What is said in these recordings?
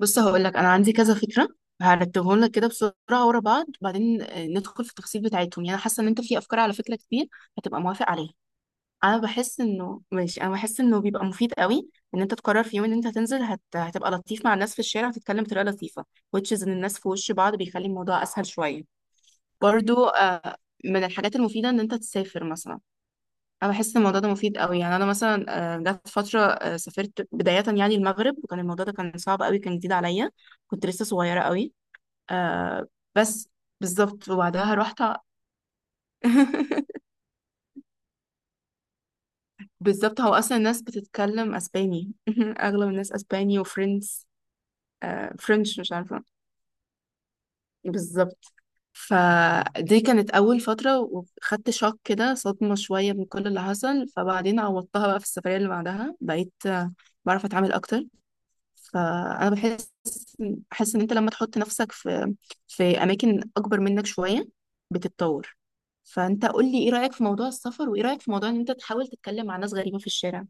بص، هقول لك انا عندي كذا فكره. هرتبهم لك كده بسرعه ورا بعض وبعدين ندخل في التفاصيل بتاعتهم. يعني انا حاسه ان انت في افكار على فكره كتير هتبقى موافق عليها. انا بحس انه ماشي، انا بحس انه بيبقى مفيد قوي ان انت تقرر في يوم ان انت هتنزل هتبقى لطيف مع الناس في الشارع وتتكلم بطريقه لطيفه، which is ان الناس في وش بعض بيخلي الموضوع اسهل شويه. برضو، من الحاجات المفيده ان انت تسافر مثلا. انا بحس إن الموضوع ده مفيد قوي. يعني انا مثلا جت فتره، سافرت بدايه يعني المغرب، وكان الموضوع ده كان صعب قوي، كان جديد عليا. كنت لسه صغيره قوي. آه، بس بالظبط. وبعدها رحت بالظبط، هو اصلا الناس بتتكلم اسباني. اغلب الناس اسباني وفرنس. فرنش مش عارفه. بالظبط. فدي كانت اول فتره، وخدت شوك كده، صدمه شويه، من كل اللي حصل. فبعدين عوضتها بقى في السفريه اللي بعدها، بقيت بعرف اتعامل اكتر. فانا بحس ان انت لما تحط نفسك في اماكن اكبر منك شويه بتتطور. فانت قول لي، ايه رايك في موضوع السفر؟ وايه رايك في موضوع ان انت تحاول تتكلم مع ناس غريبه في الشارع؟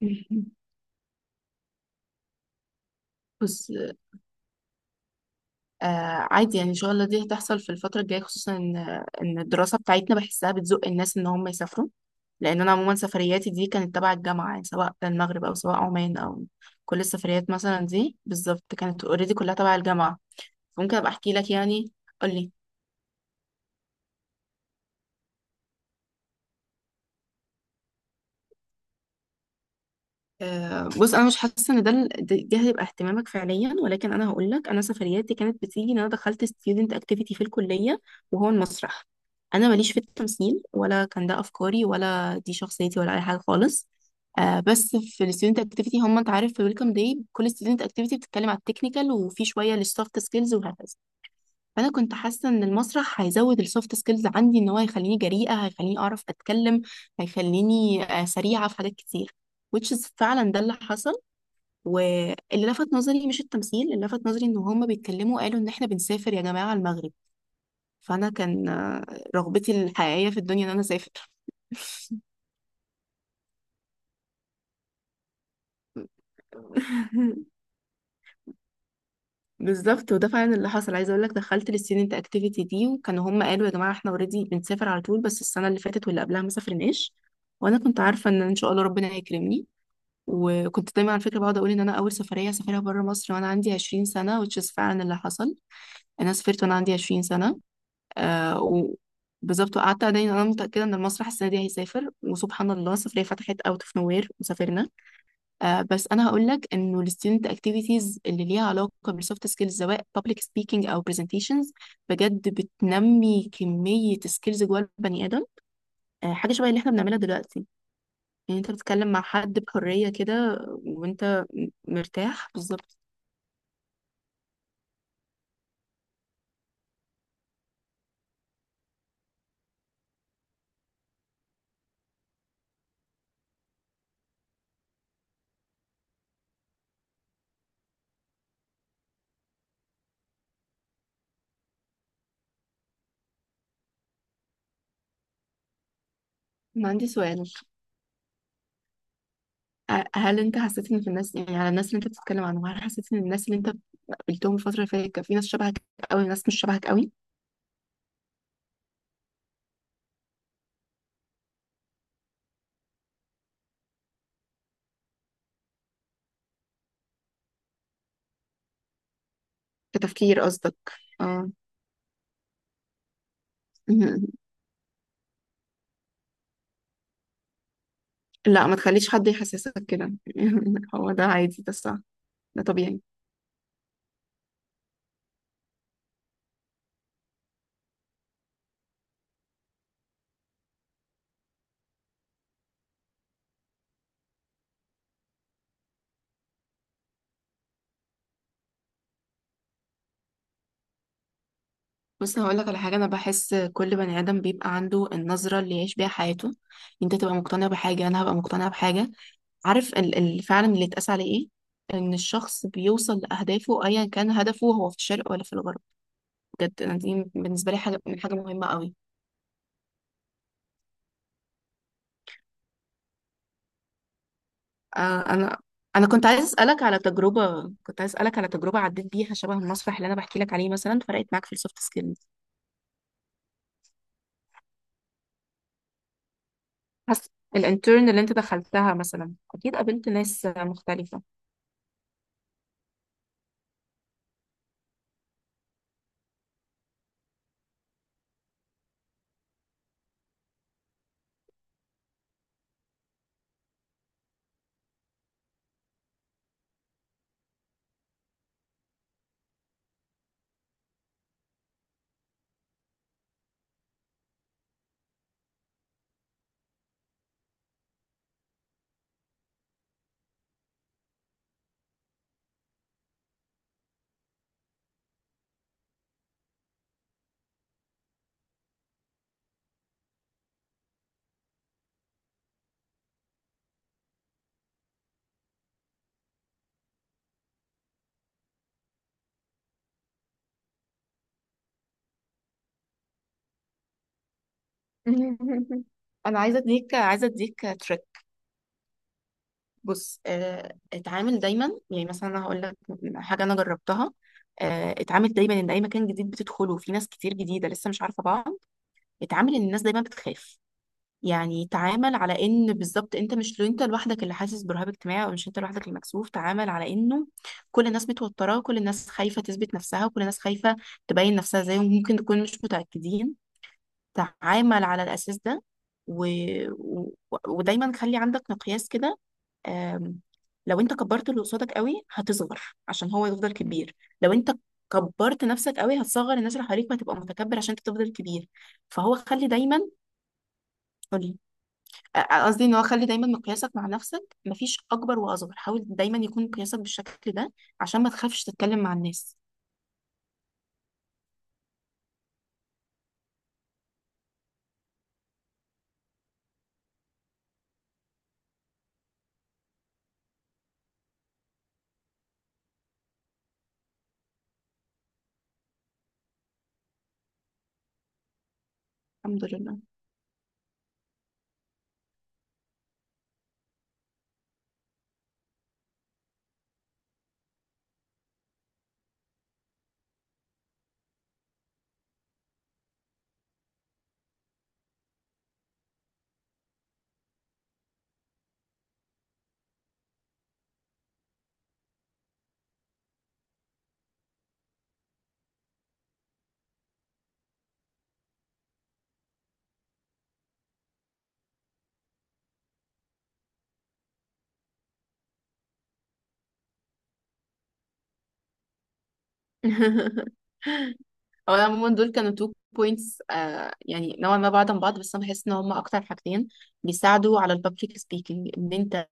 بص، آه عادي يعني، ان شاء الله دي هتحصل في الفتره الجايه، خصوصا ان الدراسه بتاعتنا بحسها بتزق الناس ان هم يسافروا. لان انا عموما سفرياتي دي كانت تبع الجامعه، يعني سواء المغرب او سواء عمان او كل السفريات مثلا دي بالظبط كانت اوريدي كلها تبع الجامعه. ممكن ابقى احكي لك يعني، قول لي. بص انا مش حاسه ان ده ده هيبقى اهتمامك فعليا، ولكن انا هقول لك، انا سفرياتي كانت بتيجي ان انا دخلت ستودنت اكتيفيتي في الكليه وهو المسرح. انا ماليش في التمثيل، ولا كان ده افكاري، ولا دي شخصيتي، ولا اي حاجه خالص. بس في الستودنت اكتيفيتي، هم انت عارف، في ويلكم داي كل ستودنت اكتيفيتي بتتكلم على التكنيكال، وفي شويه للسوفت سكيلز، وهكذا. فانا كنت حاسه ان المسرح هيزود السوفت سكيلز عندي، ان هو هيخليني جريئه، هيخليني اعرف اتكلم، هيخليني سريعه في حاجات كتير، which is فعلا ده اللي حصل. واللي لفت نظري مش التمثيل، اللي لفت نظري ان هما بيتكلموا، قالوا ان احنا بنسافر يا جماعه المغرب. فانا كان رغبتي الحقيقيه في الدنيا ان انا اسافر. بالظبط، وده فعلا اللي حصل. عايزه اقول لك، دخلت للستودنت اكتيفيتي دي، وكانوا هم قالوا يا جماعه احنا اوريدي بنسافر على طول، بس السنه اللي فاتت واللي قبلها ما سافرناش. وانا كنت عارفه ان ان شاء الله ربنا هيكرمني. وكنت دايما، على فكره، بقعد اقول ان انا اول سفريه هسافرها بره مصر وانا عندي 20 سنه، which is فعلا اللي حصل. انا سافرت وانا عندي 20 سنه. آه و بالظبط. وقعدت دايما انا متاكده ان المسرح السنه دي هيسافر، وسبحان الله السفريه فتحت اوت اوف نوير وسافرنا. بس انا هقول لك انه الستودنت اكتيفيتيز اللي ليها علاقه بالسوفت سكيلز، سواء public speaking او presentations، بجد بتنمي كميه سكيلز جوه البني ادم. حاجه شبه اللي احنا بنعملها دلوقتي، يعني انت بتتكلم مع حد بحريه كده وانت مرتاح، بالظبط. انا عندي سؤال. هل انت حسيت ان في الناس، يعني على الناس اللي انت بتتكلم عنهم، هل حسيت ان الناس اللي انت قابلتهم الفتره اللي فاتت كان في ناس شبهك قوي، ناس مش شبهك قوي؟ كتفكير قصدك؟ اه. لا، ما تخليش حد يحسسك كده. هو ده عادي، ده صح، ده طبيعي. بص هقول لك على حاجه، انا بحس كل بني ادم بيبقى عنده النظره اللي يعيش بيها حياته. انت تبقى مقتنع بحاجه، انا هبقى مقتنع بحاجه. عارف ال فعلا اللي اتقاس عليه ايه؟ ان الشخص بيوصل لاهدافه، ايا كان هدفه، هو في الشرق ولا في الغرب. بجد انا دي بالنسبه لي حاجه من حاجه مهمه قوي. آه انا انا كنت عايز اسالك على تجربه عديت بيها شبه المسرح اللي انا بحكي لك عليه، مثلا فرقت معاك في السوفت سكيلز؟ حس... الانترن اللي انت دخلتها مثلا اكيد قابلت ناس مختلفة. انا عايزه اديك تريك. بص، اتعامل دايما، يعني مثلا انا هقول لك حاجه انا جربتها. اتعامل دايما ان اي مكان جديد بتدخله فيه ناس كتير جديده لسه مش عارفه بعض، اتعامل ان الناس دايما بتخاف. يعني تعامل على ان بالظبط انت مش، لو انت لوحدك اللي حاسس برهاب اجتماعي، او مش انت لوحدك المكسوف، تعامل على انه كل الناس متوتره، كل الناس خايفه تثبت نفسها، وكل الناس خايفه تبين نفسها زيهم، ممكن تكون مش متاكدين. تعامل على الاساس ده. و... و... ودايما خلي عندك مقياس كده. آم، لو انت كبرت اللي قصادك قوي هتصغر، عشان هو يفضل كبير. لو انت كبرت نفسك قوي هتصغر الناس اللي حواليك، وهتبقى متكبر عشان انت تفضل كبير. فهو خلي دايما آه، قصدي ان هو خلي دايما مقياسك مع نفسك، مفيش اكبر واصغر، حاول دايما يكون مقياسك بالشكل ده عشان ما تخافش تتكلم مع الناس. الحمد لله. هو أنا عموما دول كانوا تو بوينتس، يعني نوعا ما بعض عن بعض، بس انا بحس ان هما اكتر حاجتين بيساعدوا على البابليك سبيكينج. ان انت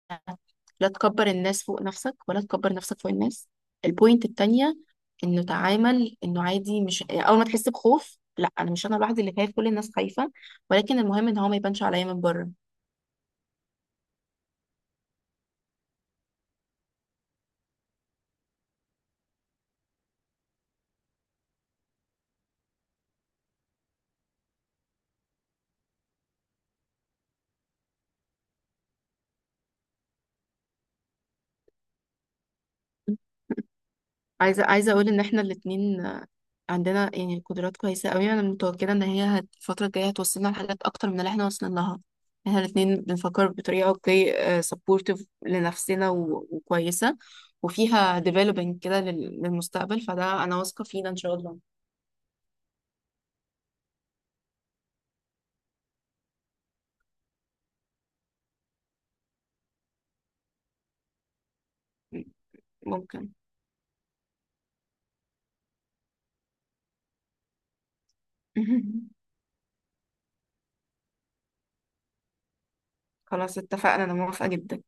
لا تكبر الناس فوق نفسك، ولا تكبر نفسك فوق الناس. البوينت التانية، انه تعامل انه عادي، مش اول ما تحس بخوف لا، انا مش انا لوحدي اللي خايف، كل الناس خايفة، ولكن المهم ان هو ما يبانش عليا من بره. عايزه اقول ان احنا الاتنين عندنا يعني قدرات كويسه قوي. انا متوكله ان هي الفتره الجايه هتوصلنا لحاجات اكتر من اللي احنا وصلنا لها. احنا الاتنين بنفكر بطريقه اوكي، سبورتيف لنفسنا وكويسه، وفيها ديفلوبينج كده للمستقبل، فده انا واثقه فينا ان شاء الله. ممكن. خلاص اتفقنا، انا موافقه جدا.